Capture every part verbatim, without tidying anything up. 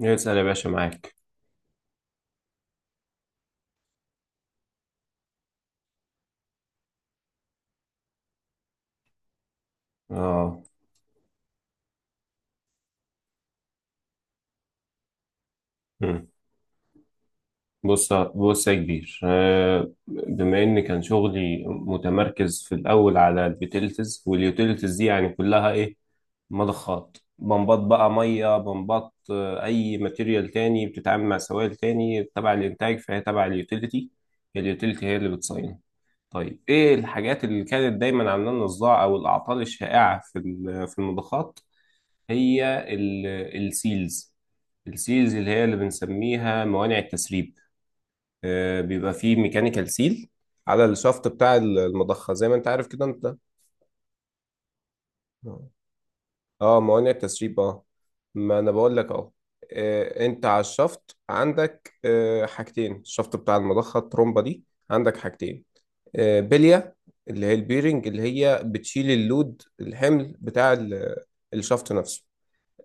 اسأل يا باشا معاك. اه. مم. بص بص يا كبير، آه، بما ان كان شغلي متمركز في الاول على اليوتيليتيز، واليوتيليتيز دي يعني كلها ايه، مضخات بمبات بقى، ميه بمبات. آه، اي ماتيريال تاني بتتعامل مع سوائل تاني تبع الانتاج فهي تبع اليوتيليتي. اليوتيليتي هي اللي بتصين. طيب ايه الحاجات اللي كانت دايما عامله لنا صداع او الاعطال الشائعه في ال- في المضخات؟ هي السيلز. السيلز اللي هي اللي بنسميها موانع التسريب. آه، بيبقى فيه ميكانيكال سيل على الشفط بتاع المضخة، زي ما انت عارف كده انت. اه اه، موانع التسريب. اه، ما انا بقول لك اهو. آه، انت على الشفط عندك آه، حاجتين، الشفط بتاع المضخة، الترومبة دي عندك حاجتين. آه، بلية، اللي هي البيرنج اللي هي بتشيل اللود، الحمل بتاع ال- الشفط نفسه.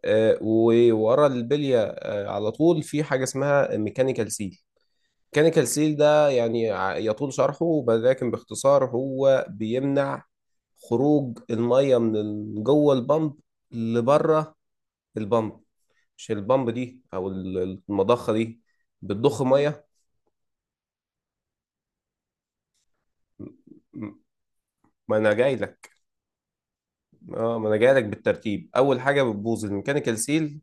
آه، وورا البلية آه، على طول في حاجة اسمها ميكانيكال سيل. ميكانيكال سيل ده يعني ع- يطول شرحه، ولكن باختصار هو بيمنع خروج المية من ال- جوه البمب لبره البمب، مش البمب دي او ال- المضخة دي بتضخ مية. م- ما انا جاي لك. اه، ما انا جاي لك بالترتيب، اول حاجة بتبوظ الميكانيكال سيل.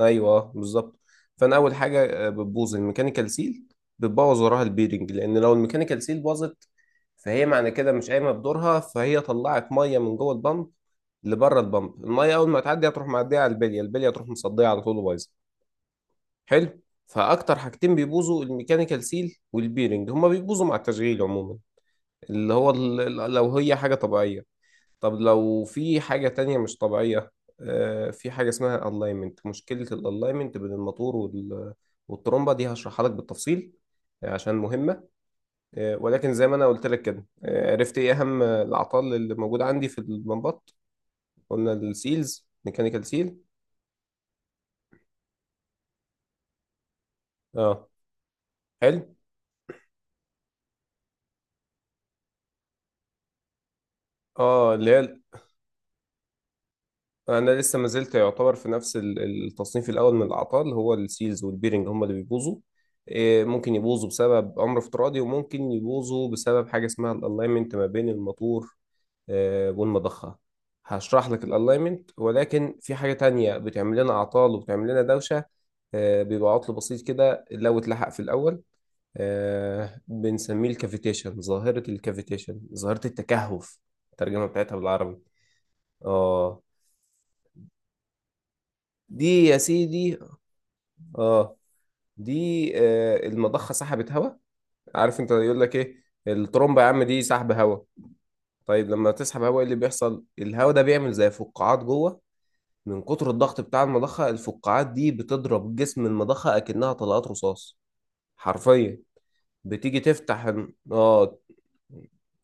ايوه، آه، بالظبط. فانا اول حاجه آه، بتبوظ الميكانيكال سيل، بتبوظ وراها البيرنج، لان لو الميكانيكال سيل باظت فهي معنى كده مش قايمه بدورها، فهي طلعت ميه من جوه البامب لبره البامب. الميه اول ما تعدي هتروح معديه على البليه، البليه تروح مصديه على طول وبايظه. حلو. فاكتر حاجتين بيبوظوا الميكانيكال سيل والبيرنج، هما بيبوظوا مع التشغيل عموما، اللي هو ال- ال- لو هي حاجه طبيعيه. طب لو في حاجة تانية مش طبيعية، آه، في حاجة اسمها alignment، مشكلة الalignment بين الموتور وال- والترمبة دي، هشرحها لك بالتفصيل آه، عشان مهمة. آه، ولكن زي ما أنا قلت لك كده، آه، عرفت إيه أهم الأعطال اللي موجودة عندي في البمبات. قلنا السيلز ميكانيكال سيل. اه. حلو. اه، اللي هي انا لسه ما زلت يعتبر في نفس ال- التصنيف الاول من الاعطال، هو السيلز والبيرنج هم اللي بيبوظوا. إيه، ممكن يبوظوا بسبب امر افتراضي، وممكن يبوظوا بسبب حاجه اسمها الالاينمنت ما بين الموتور آه، والمضخه. هشرح لك الالاينمنت، ولكن في حاجه تانية بتعمل لنا اعطال وبتعمل لنا دوشه، آه، بيبقى عطل بسيط كده لو اتلحق في الاول، آه، بنسميه الكافيتيشن، ظاهره الكافيتيشن، ظاهره التكهف، الترجمه بتاعتها بالعربي. اه دي يا سيدي. اه. دي آه، المضخه سحبت هواء. عارف انت، يقول لك ايه الترومبه يا عم دي سحب هواء. طيب لما تسحب هواء ايه اللي بيحصل؟ الهواء ده بيعمل زي فقاعات جوه. من كتر الضغط بتاع المضخه، الفقاعات دي بتضرب جسم المضخه اكنها طلقات رصاص حرفيا. بتيجي تفتح. اه.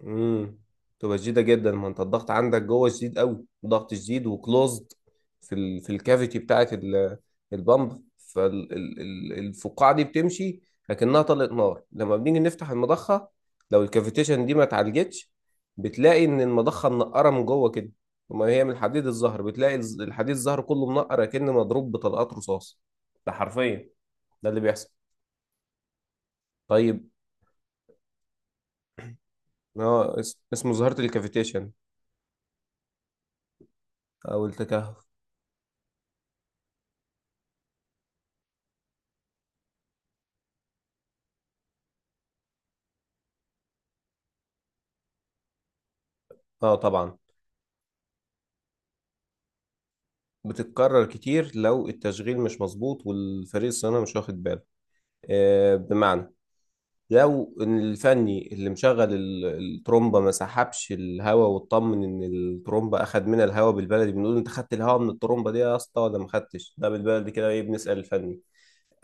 امم تبقى شديده جدا، ما انت الضغط عندك جوه شديد قوي، ضغط شديد وكلوزد في ال... في الكافيتي بتاعه ال... البامب، فالفقاعه دي بتمشي لكنها طلقت نار. لما بنيجي نفتح المضخه، لو الكافيتيشن دي ما اتعالجتش، بتلاقي ان المضخه منقره من جوه كده، وما هي من الحديد الزهر، بتلاقي الز- الحديد الزهر كله منقر كأنه مضروب بطلقات رصاص. ده حرفيا ده اللي بيحصل. طيب اه، اس- اسمه ظاهره الكافيتيشن او التكهف. اه طبعا، بتتكرر كتير لو التشغيل مش مظبوط والفريق الصيانه مش واخد باله، آه بمعنى لو إن الفني اللي مشغل ال- الترومبه ما سحبش الهواء واطمن ان الترومبه اخد منها الهواء، بالبلدي بنقول انت خدت الهواء من الترومبه دي يا اسطى ولا ما خدتش، ده بالبلدي كده ايه، بنسال الفني.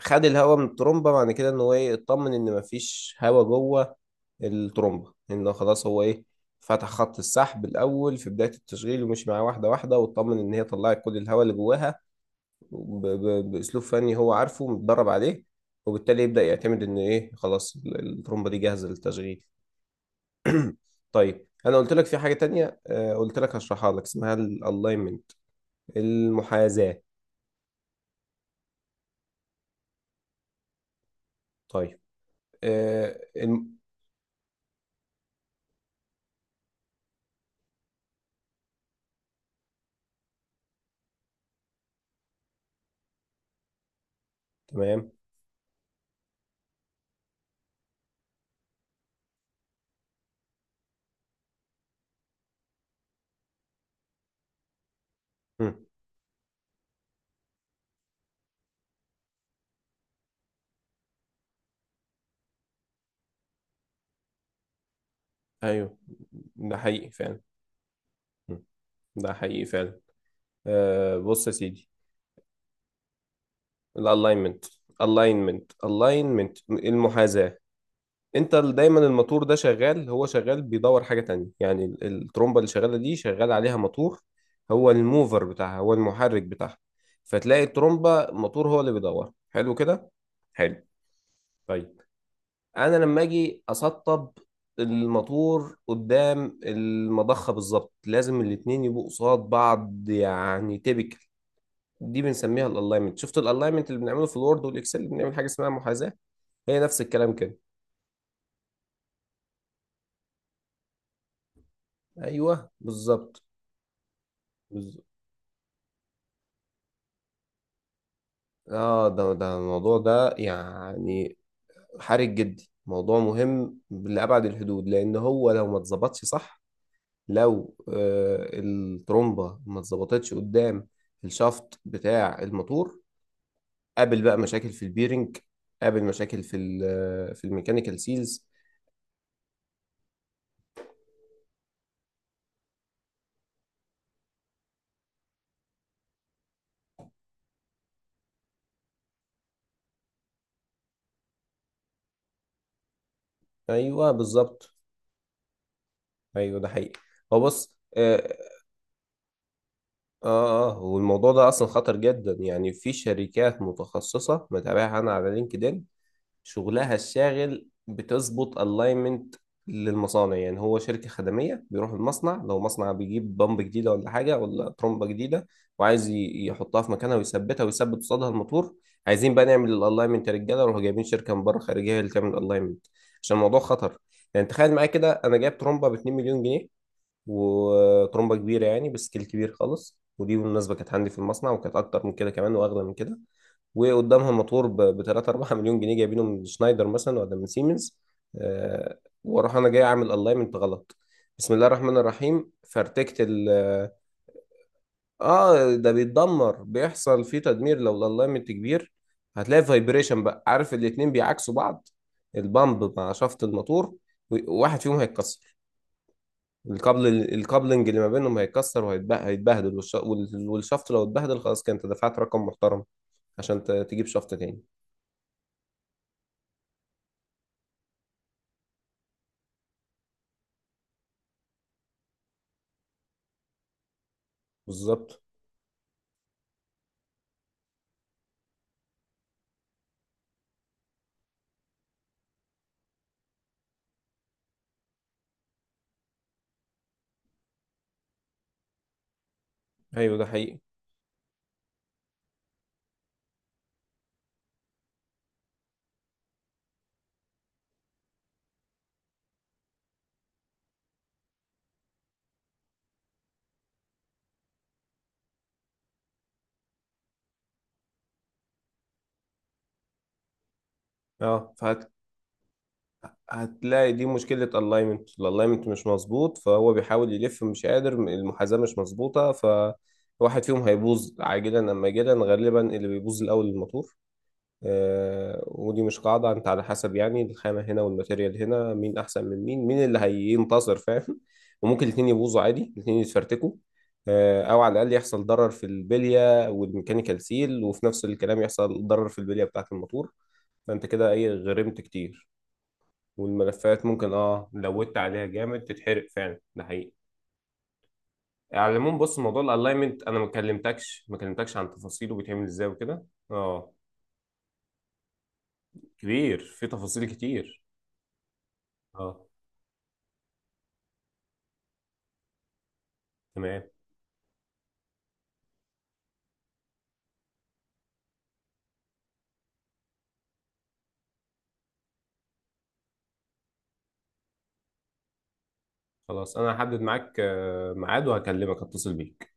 خد الهواء من الترومبه معنى كده ان هو ايه، اطمن ان ما فيش هواء جوه الترومبه، ان خلاص هو ايه، فتح خط السحب الاول في بدايه التشغيل ومشي معاه واحده واحده واطمن ان هي طلعت كل الهواء اللي جواها، ب- ب- باسلوب فني هو عارفه متدرب عليه، وبالتالي يبدا يعتمد ان ايه خلاص ال- الترومبه دي جاهزه للتشغيل. طيب انا قلت لك في حاجه تانية، آه، قلت لك هشرحها لك، اسمها الالاينمنت، المحاذاه. طيب. آه، الم... تمام. مم. ايوه ده حقيقي فعلا. مم. ده حقيقي فعلا. آه، بص يا سيدي. الالاينمنت. الاينمنت الاينمنت المحاذاه. انت ال- دايما الموتور ده شغال، هو شغال بيدور حاجة تانية، يعني ال- الترومبة اللي شغالة دي شغال عليها موتور، هو الموفر بتاعها، هو المحرك بتاعها. فتلاقي الترومبة الموتور هو اللي بيدور، حلو كده؟ حلو. طيب انا لما اجي اسطب الموتور قدام المضخة بالظبط، لازم الاتنين يبقوا قصاد بعض، يعني تيبيكال. دي بنسميها الالاينمنت. شفت الالاينمنت اللي بنعمله في الوورد والاكسل، بنعمل حاجة اسمها محاذاة، هي نفس الكلام كده. ايوه بالظبط. اه، ده ده الموضوع ده يعني حرج جدا، موضوع مهم لأبعد الحدود، لأن هو لو ما اتظبطش صح، لو آه الترومبة ما اتظبطتش قدام الشافت بتاع الموتور، قابل بقى مشاكل في البيرنج، قابل مشاكل في ال- آه، في الميكانيكال سيلز. ايوه بالظبط. ايوه ده حقيقي. هو بص اه. اه، آه، والموضوع ده اصلا خطر جدا، يعني في شركات متخصصة متابعها انا على لينكدين، شغلها الشاغل بتظبط الاينمنت للمصانع. يعني هو شركة خدمية بيروح المصنع، لو مصنع بيجيب بمب جديدة ولا حاجة ولا ترمبة جديدة وعايز ي- يحطها في مكانها ويثبتها ويثبت قصادها الموتور، عايزين بقى نعمل الالاينمنت، يا رجالة روحوا جايبين شركة من بره خارجية هي اللي تعمل الالاينمنت، عشان الموضوع خطر. يعني تخيل معايا كده، انا جايب ترمبة ب اثنين مليون جنيه، وترمبة كبيرة يعني بسكيل كبير خالص، ودي بالمناسبة كانت عندي في المصنع وكانت أكتر من كده كمان وأغلى من كده، وقدامها موتور ب ثلاثة اربعة مليون جنيه جايبينه من شنايدر مثلا ولا من سيمنز، آه، واروح انا جاي اعمل الاينمنت غلط، بسم الله الرحمن الرحيم فارتكت ال. اه ده بيتدمر، بيحصل فيه تدمير لو الالاينمنت كبير. هتلاقي فايبريشن بقى، عارف الاتنين بيعاكسوا بعض، البامب مع شافت الموتور، واحد فيهم هيتكسر، الكابل الكابلنج اللي ما بينهم هيتكسر وهيتبهدل، والش- وال- والشافت لو اتبهدل خلاص كده انت دفعت رقم محترم عشان ت- تجيب شافت تاني. بالظبط. ايوه ده حقيقي. اه فهت... هتلاقي دي مشكلة الاينمنت، الاينمنت مش مظبوط، فهو بيحاول يلف مش قادر، المحاذاة مش مظبوطة، فواحد فيهم هيبوظ عاجلا ام اجلا، غالبا اللي بيبوظ الاول الموتور. آه، ودي مش قاعدة، انت على حسب يعني الخامة هنا والماتيريال هنا، مين احسن من مين، مين اللي هينتصر، فاهم؟ وممكن الاتنين يبوظوا عادي، الاتنين يتفرتكوا، آه، او على الاقل يحصل ضرر في البلية والميكانيكال سيل، وفي نفس الكلام يحصل ضرر في البلية بتاعة الموتور، فانت كده ايه غرمت كتير. والملفات ممكن، اه لودت عليها جامد تتحرق فعلا، ده حقيقي. على العموم بص، موضوع الالاينمنت انا ما كلمتكش ما كلمتكش عن تفاصيله بيتعمل ازاي وكده، اه كبير في تفاصيل كتير. اه تمام. خلاص انا هحدد معاك آه، ميعاد وهكلمك، اتصل بيك